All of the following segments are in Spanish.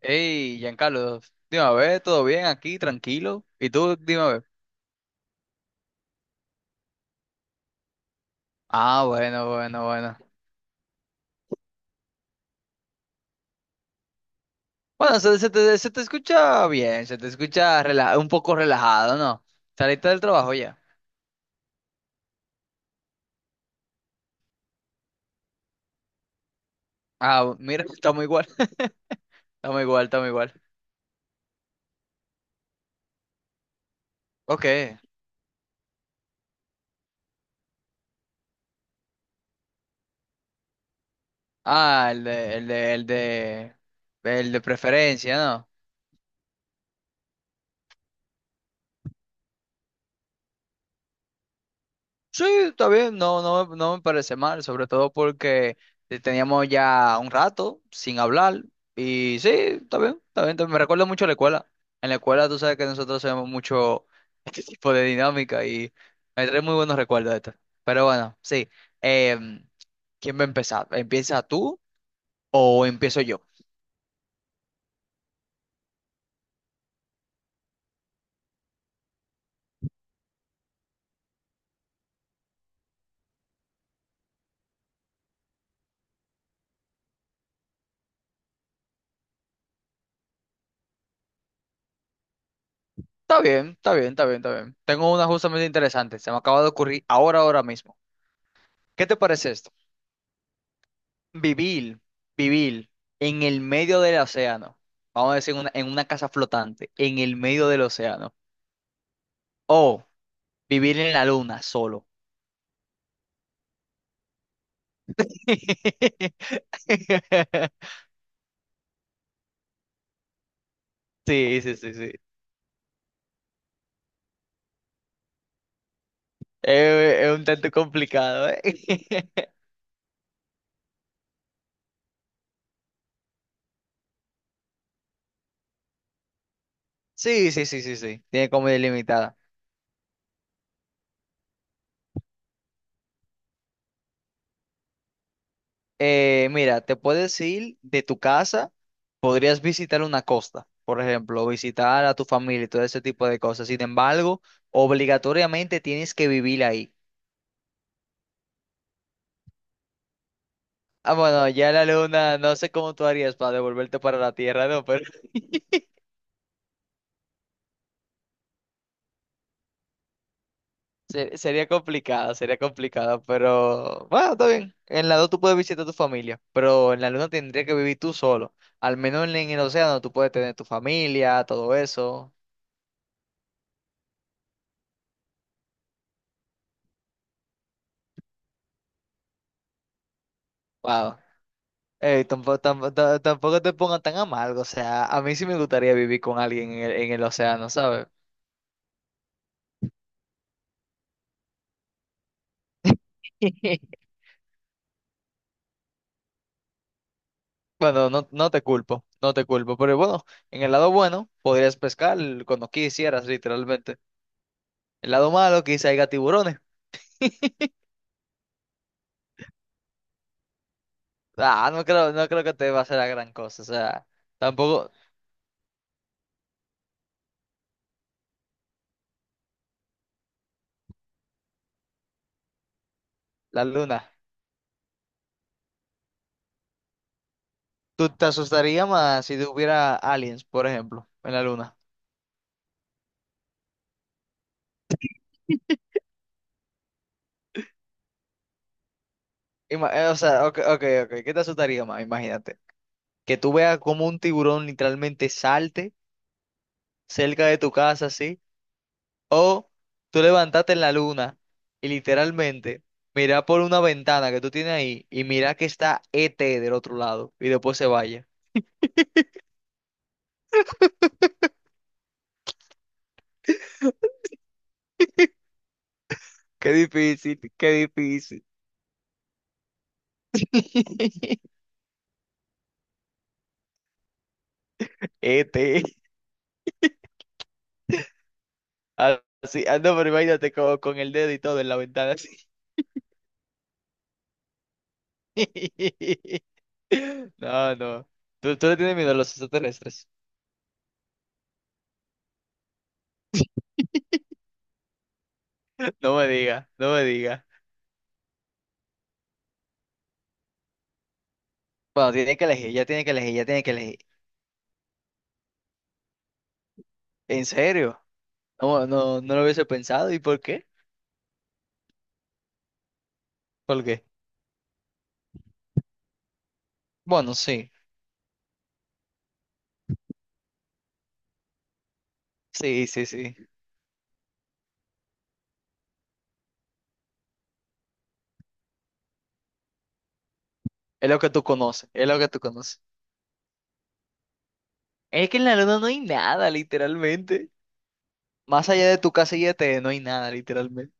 Hey, Giancarlo, dime a ver, ¿todo bien aquí? ¿Tranquilo? ¿Y tú? Dime a ver. Ah, bueno, bueno, bueno. Bueno, se te escucha bien, se te escucha un poco relajado, ¿no? Saliste del trabajo ya. Ah, mira, estamos igual, estamos igual, estamos igual. Ok. Ah, el de, el de, el de, el de preferencia, ¿no? Sí, está bien, no, no, no me parece mal, sobre todo porque teníamos ya un rato sin hablar y sí, está bien, está bien, está bien. Me recuerda mucho a la escuela. En la escuela tú sabes que nosotros hacemos mucho este tipo de dinámica y me trae muy buenos recuerdos de esto. Pero bueno, sí, em, ¿quién va a empezar? ¿Empieza tú o empiezo yo? Está bien, está bien, está bien, está bien. Tengo una justamente interesante, se me acaba de ocurrir ahora, ahora mismo. ¿Qué te parece esto? Vivir, vivir en el medio del océano. Vamos a decir en una casa flotante, en el medio del océano. O vivir en la luna solo. Sí, sí, sí, sí. Es, un tanto complicado, ¿eh? Sí, sí, sí, sí, sí. Tiene como delimitada. Mira, te puedes ir de tu casa, podrías visitar una costa, por ejemplo, visitar a tu familia y todo ese tipo de cosas. Sin embargo, obligatoriamente tienes que vivir ahí. Ah, bueno, ya la luna, no sé cómo tú harías para devolverte para la Tierra, no, pero sería complicado, pero bueno, está bien. En la dos tú puedes visitar a tu familia, pero en la luna tendrías que vivir tú solo. Al menos en el océano tú puedes tener tu familia, todo eso. Wow. Ey, tampoco, tampo- ta- tampoco te pongas tan amargo, o sea, a mí sí me gustaría vivir con alguien en el océano, ¿sabes? Bueno, no, no te culpo, no te culpo, pero bueno, en el lado bueno podrías pescar cuando quisieras, literalmente. El lado malo, que haya tiburones. Ah, no creo, no creo que te va a hacer la gran cosa. O sea, tampoco la luna. ¿Tú te asustaría más si hubiera aliens, por ejemplo, en la luna? O sea, ok, ok, ok. ¿Qué te asustaría más? Imagínate. Que tú veas como un tiburón literalmente salte cerca de tu casa, así. O tú levantarte en la luna y literalmente mira por una ventana que tú tienes ahí y mira que está ET del otro lado y después se vaya. Qué difícil, qué difícil. Este, así, ah, no, pero imagínate con el dedo y todo en la ventana, así. No, no. Tú le tienes miedo a los extraterrestres? No me diga, no me diga. Bueno, tiene que elegir, ya tiene que elegir, ya tiene que elegir. ¿En serio? No, no, no lo hubiese pensado. ¿Y por qué? ¿Por qué? Bueno, sí, sí, sí, sí. Es lo que tú conoces, es lo que tú conoces. Es que en la luna no hay nada, literalmente. Más allá de tu casa y de T, no hay nada, literalmente.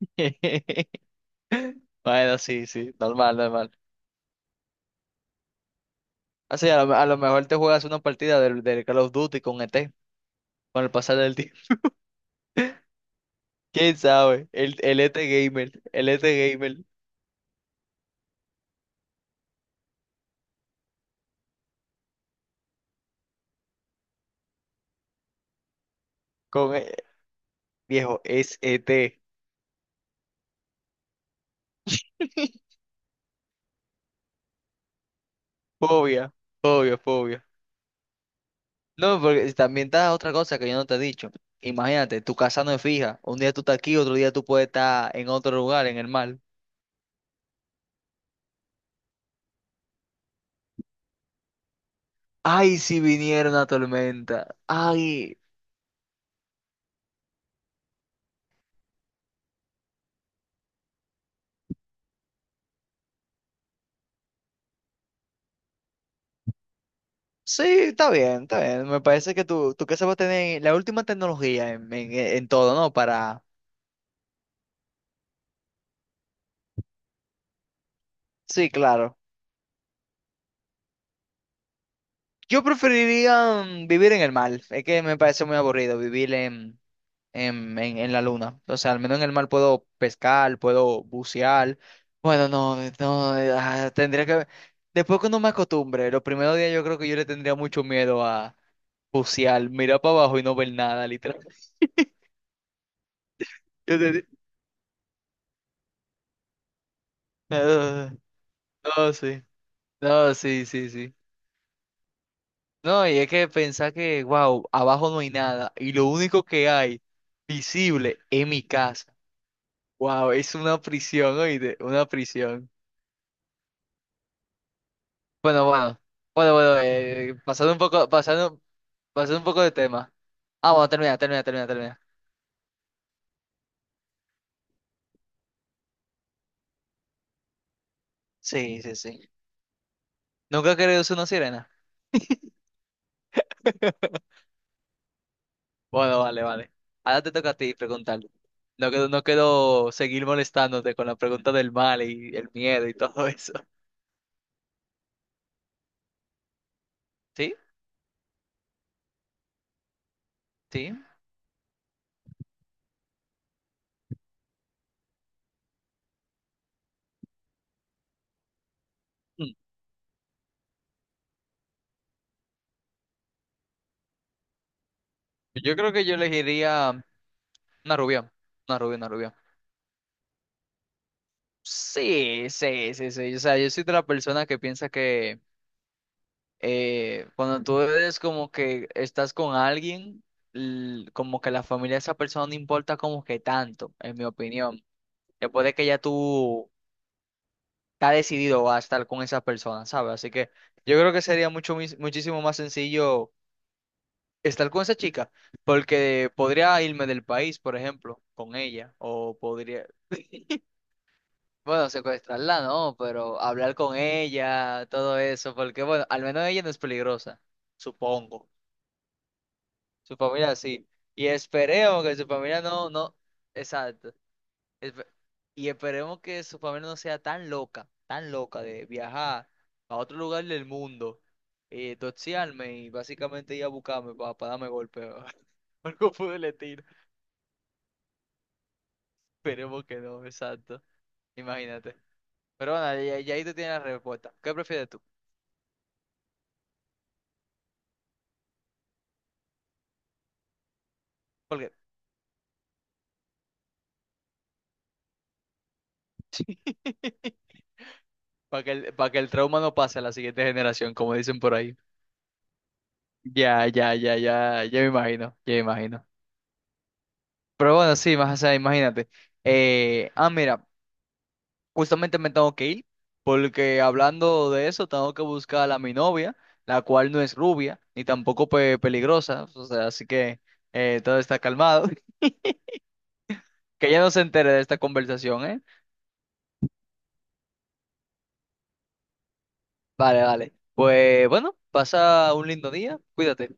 Bueno, sí, sí, normal, normal. Así a lo mejor te juegas una partida del Call of Duty con E T con el pasar del tiempo. ¿Quién sabe? El E T Gamer, el E T Gamer, con... viejo, es E T. Fobia, fobia, fobia. No, porque también está otra cosa que yo no te he dicho. Imagínate, tu casa no es fija. Un día tú estás aquí, otro día tú puedes estar en otro lugar, en el mar. Ay, si viniera una tormenta. Ay. Sí, está bien, está bien. Me parece que tu casa va a tener la última tecnología en todo, ¿no? Para... Sí, claro. Yo preferiría vivir en el mar. Es que me parece muy aburrido vivir en la luna. O sea, al menos en el mar puedo pescar, puedo bucear. Bueno, no, no, tendría que... Después cuando me acostumbre, los primeros días yo creo que yo le tendría mucho miedo a bucear, mirar para abajo y no ver nada, literal. Yo te- Ah, no, sí. No, sí, sí, sí. No, y es que pensar que, wow, abajo no hay nada y lo único que hay visible es mi casa. Wow, es una prisión, oíste, una prisión. Bueno, bueno, bueno, bueno, pasando un poco, pasando, pasando un poco de tema. Ah, bueno, termina, termina, termina, termina. Sí, sí, sí. ¿Nunca he querido ser una sirena? Bueno, vale, vale. Ahora te toca a ti preguntar. No quiero, no quiero seguir molestándote con la pregunta del mal y el miedo y todo eso. ¿Sí? ¿Sí? Mm. Yo creo que yo elegiría. Una rubia, una rubia, una rubia. Sí, sí, sí, sí. O sea, yo soy de la persona que piensa que cuando tú eres como que estás con alguien, como que la familia de esa persona no importa como que tanto, en mi opinión. Después de que ya tú estás decidido a estar con esa persona, ¿sabes? Así que yo creo que sería muchísimo más sencillo estar con esa chica, porque podría irme del país, por ejemplo, con ella, o podría... Bueno, secuestrarla no, pero hablar con ella, todo eso, porque bueno, al menos ella no es peligrosa, supongo. Su familia sí. Y esperemos que su familia no, no, exacto. Espe- Y esperemos que su familia no sea tan loca de viajar a otro lugar del mundo, doxiarme y básicamente ir a buscarme para, darme golpe o algo pude le tiro. Esperemos que no, exacto. Imagínate. Pero bueno, y ahí tú tienes la respuesta. ¿Qué prefieres tú? ¿Por qué? Para que para que el trauma no pase a la siguiente generación, como dicen por ahí. Ya me imagino, ya me imagino. Pero bueno, sí, más, o sea, imagínate. Mira, justamente me tengo que ir, porque hablando de eso, tengo que buscar a mi novia, la cual no es rubia, ni tampoco peligrosa, o sea, así que todo está calmado. Que ella no se entere de esta conversación, ¿eh? Vale, vale. Pues bueno, pasa un lindo día, cuídate.